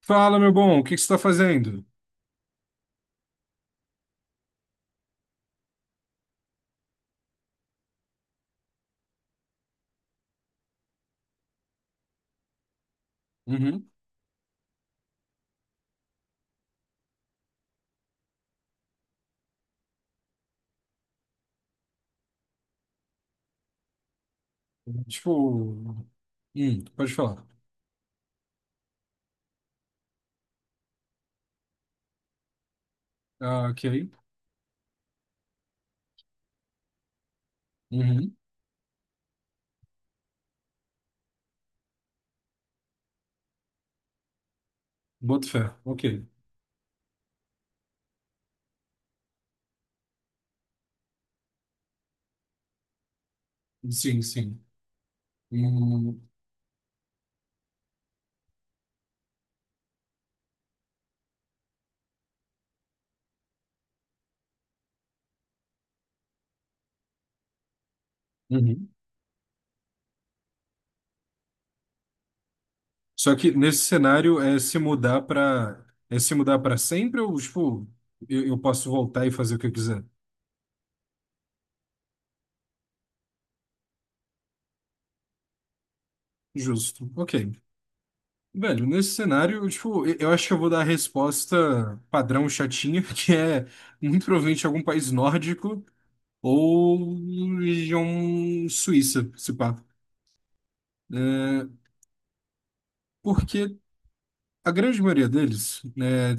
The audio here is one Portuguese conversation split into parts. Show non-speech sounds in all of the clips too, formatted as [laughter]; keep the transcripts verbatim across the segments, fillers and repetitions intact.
Fala, meu bom, o que que você está fazendo? Uhum. Tipo, hum, pode falar. Ah, ok. Uhum. Boto fé. Ok. Sim, sim. Hum. Uhum. Só que nesse cenário é se mudar para é se mudar para sempre ou tipo, eu, eu posso voltar e fazer o que eu quiser? Justo. Ok. Velho, nesse cenário, eu, tipo, eu eu acho que eu vou dar a resposta padrão chatinha, [laughs] que é muito provavelmente algum país nórdico ou região suíça, se pá. É, porque a grande maioria deles, né,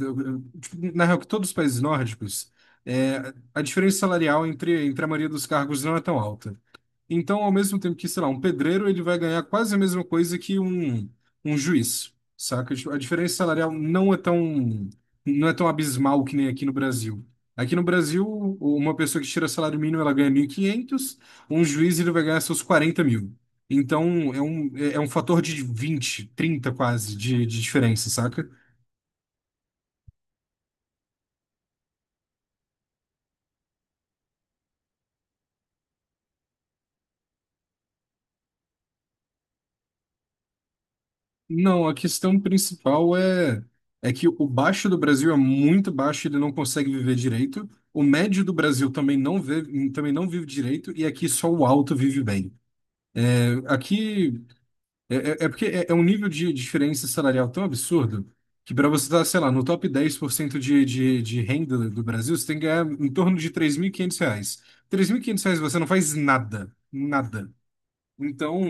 tipo, na real, que todos os países nórdicos, é, a diferença salarial entre, entre a maioria dos cargos não é tão alta. Então, ao mesmo tempo que, sei lá, um pedreiro, ele vai ganhar quase a mesma coisa que um, um juiz, saca? Tipo, A diferença salarial não é tão, não é tão abismal que nem aqui no Brasil. Aqui no Brasil, uma pessoa que tira salário mínimo, ela ganha mil e quinhentos. Um juiz, ele vai ganhar seus quarenta mil. Então, é um, é é um fator de vinte trinta quase, de, de diferença, saca? Não, a questão principal é, é que o baixo do Brasil é muito baixo, ele não consegue viver direito. O médio do Brasil também não vive, também não vive direito, e aqui só o alto vive bem. Aqui é, é- é porque é, é um nível de diferença salarial tão absurdo que para você estar, sei lá, no top dez por cento de, de, de renda do Brasil, você tem que ganhar em torno de três mil e quinhentos reais. Três mil e quinhentos reais você não faz nada, nada. Então,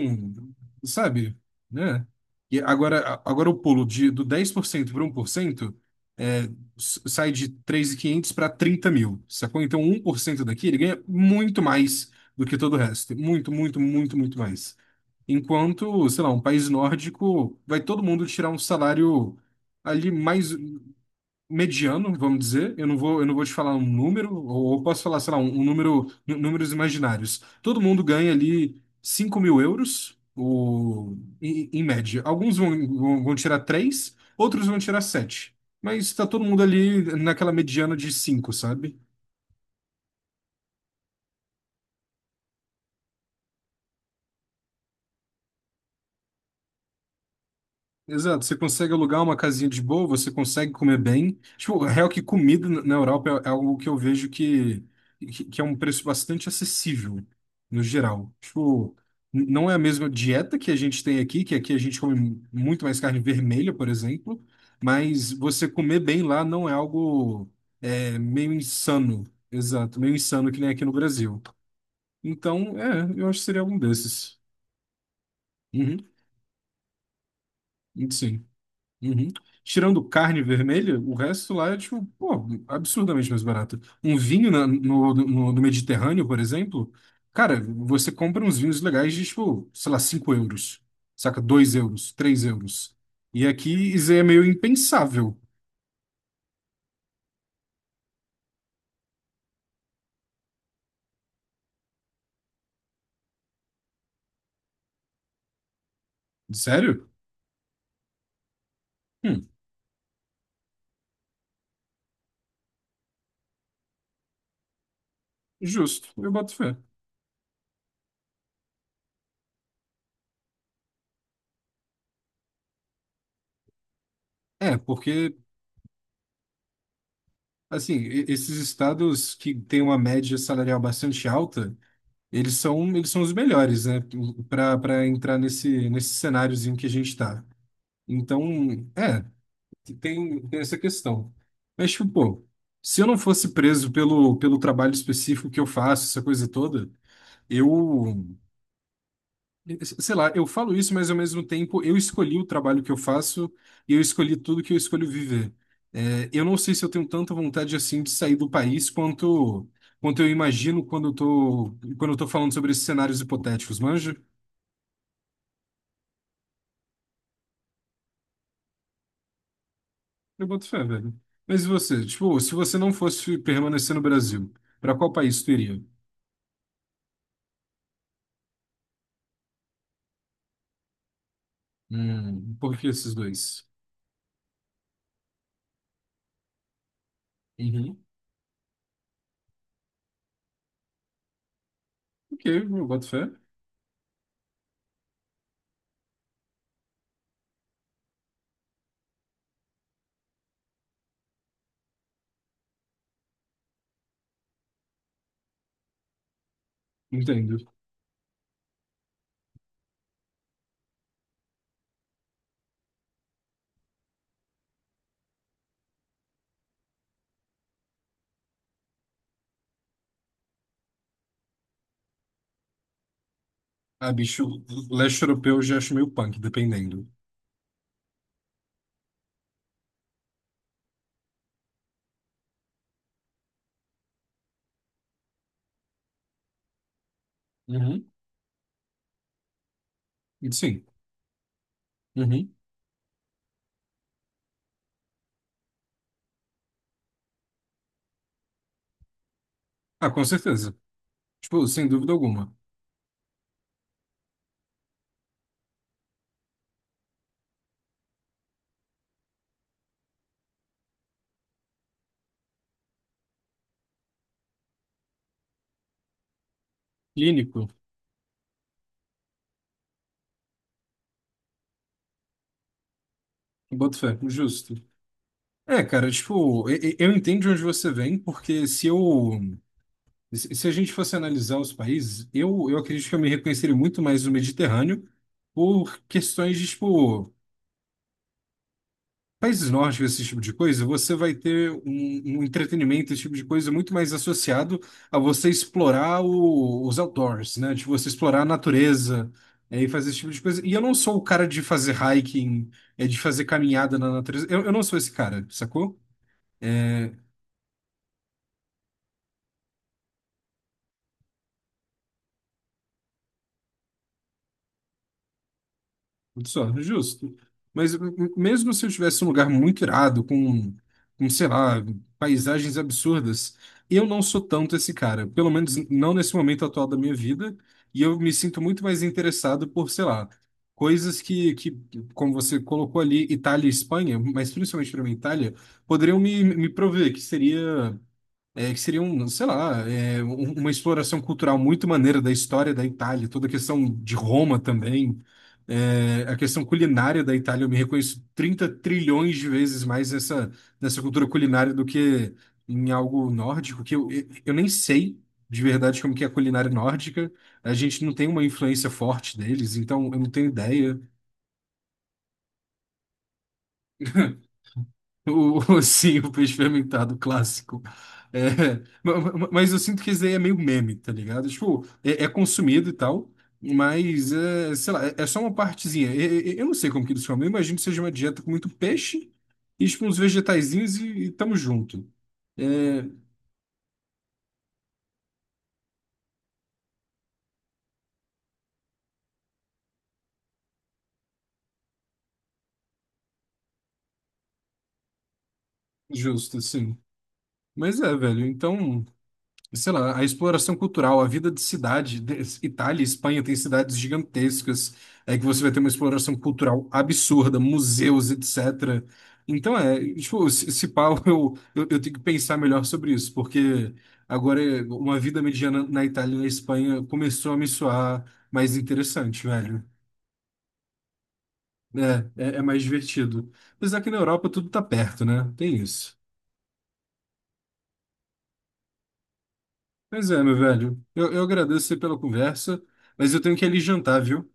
sabe, né? E agora, agora o pulo de, do dez por cento para um por cento é, s- sai de três mil e quinhentos para trinta mil, sacou? Então, um por cento daqui ele ganha muito mais do que todo o resto. Muito, muito, muito, muito mais. Enquanto, sei lá, um país nórdico vai todo mundo tirar um salário ali mais mediano, vamos dizer. Eu não vou, eu não vou te falar um número, ou eu posso falar, sei lá, um, um número, nú- números imaginários. Todo mundo ganha ali cinco mil euros, ou, em, em média. Alguns vão, vão, vão tirar três, outros vão tirar sete. Mas está todo mundo ali naquela mediana de cinco, sabe? Exato, você consegue alugar uma casinha de boa, você consegue comer bem. Tipo, real que comida na na Europa é é algo que eu vejo que, que que é um preço bastante acessível, no geral. Tipo, n- não é a mesma dieta que a gente tem aqui, que aqui a gente come mu- muito mais carne vermelha, por exemplo, mas você comer bem lá não é algo é, meio insano. Exato, meio insano que nem aqui no Brasil. Então, é, eu acho que seria algum desses. Uhum, sim. Uhum. Tirando carne vermelha, o resto lá é, tipo, pô, absurdamente mais barato. Um vinho na- no, no, no Mediterrâneo, por exemplo, cara, você compra uns vinhos legais de, tipo, sei lá, cinco euros, saca? Dois euros, três euros. E aqui isso aí é meio impensável. Sério? Hum, justo, eu boto fé. É, porque, assim, e- esses estados que têm uma média salarial bastante alta, eles são, eles são os melhores, né? Para Para entrar nesse, nesse cenáriozinho que a gente está. Então, é, tem, tem essa questão. Mas, tipo, pô, se eu não fosse preso pelo, pelo trabalho específico que eu faço, essa coisa toda, eu, sei lá, eu falo isso, mas ao mesmo tempo eu escolhi o trabalho que eu faço e eu escolhi tudo que eu escolho viver. É, eu não sei se eu tenho tanta vontade assim de sair do país quanto, quanto eu imagino quando eu tô, quando eu tô falando sobre esses cenários hipotéticos, manja? Eu boto fé, velho. Mas e você? Tipo, se você não fosse permanecer no Brasil, pra qual país tu iria? Hum, por que esses dois? Uhum. Ok, eu boto fé. Entendo. Ah, bicho, leste europeu eu já acho meio punk, dependendo. Uhum. Sim. Uhum. Ah, com certeza. Tipo, sem dúvida alguma. Clínico. Eu boto fé, justo. É, cara, tipo, e- e- eu entendo de onde você vem. Porque se eu E Se se a gente fosse analisar os países, eu, eu acredito que eu me reconheceria muito mais no Mediterrâneo por questões de, tipo, países nórdicos, esse tipo de coisa, você vai ter um, um entretenimento, esse tipo de coisa, muito mais associado a você explorar o- os outdoors, né? De você explorar a natureza, é, e fazer esse tipo de coisa. E eu não sou o cara de fazer hiking, é, de fazer caminhada na natureza. Eu, eu não sou esse cara, sacou? É, Só, justo. Mas m- m- mesmo se eu tivesse um lugar muito irado, com, com, sei lá, paisagens absurdas, eu não sou tanto esse cara. Pelo menos não nesse momento atual da minha vida. E eu me sinto muito mais interessado por, sei lá, coisas que, que como você colocou ali, Itália e Espanha, mas principalmente para mim, Itália, poderiam me, me prover, que seria. É, que seria um, sei lá, é, um- uma exploração cultural muito maneira da história da Itália, toda a questão de Roma também. É, a questão culinária da Itália, eu me reconheço trinta trilhões de vezes mais nessa, nessa cultura culinária do que em algo nórdico, que eu, eu nem sei de verdade como que é a culinária nórdica, a gente não tem uma influência forte deles, então eu não tenho ideia. O, o- [laughs] sim, o peixe fermentado clássico. É, ma- ma- mas eu sinto que isso daí é meio meme, tá ligado? Tipo, é, é consumido e tal, mas, é, sei lá, é, é só uma partezinha. E- e- Eu, não sei como que eles chamam, eu imagino que seja uma dieta com muito peixe e, tipo, uns vegetaizinhos e, e tamo junto. É, justo, assim. Mas é, velho, então. sei lá, a exploração cultural, a vida de cidade, de- Itália e Espanha tem cidades gigantescas, é que você vai ter uma exploração cultural absurda, museus, etcetera. Então é, tipo, se, se pá, [laughs] eu, eu, eu tenho que pensar melhor sobre isso, porque agora é, uma vida mediana na Itália e na Espanha começou a me soar mais interessante, velho. É, é, é mais divertido. Apesar que na Europa tudo tá perto, né? Tem isso. Mas é, meu velho, eu, eu agradeço aí pela conversa, mas eu tenho que ir ali jantar, viu?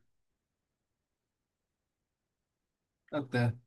Até.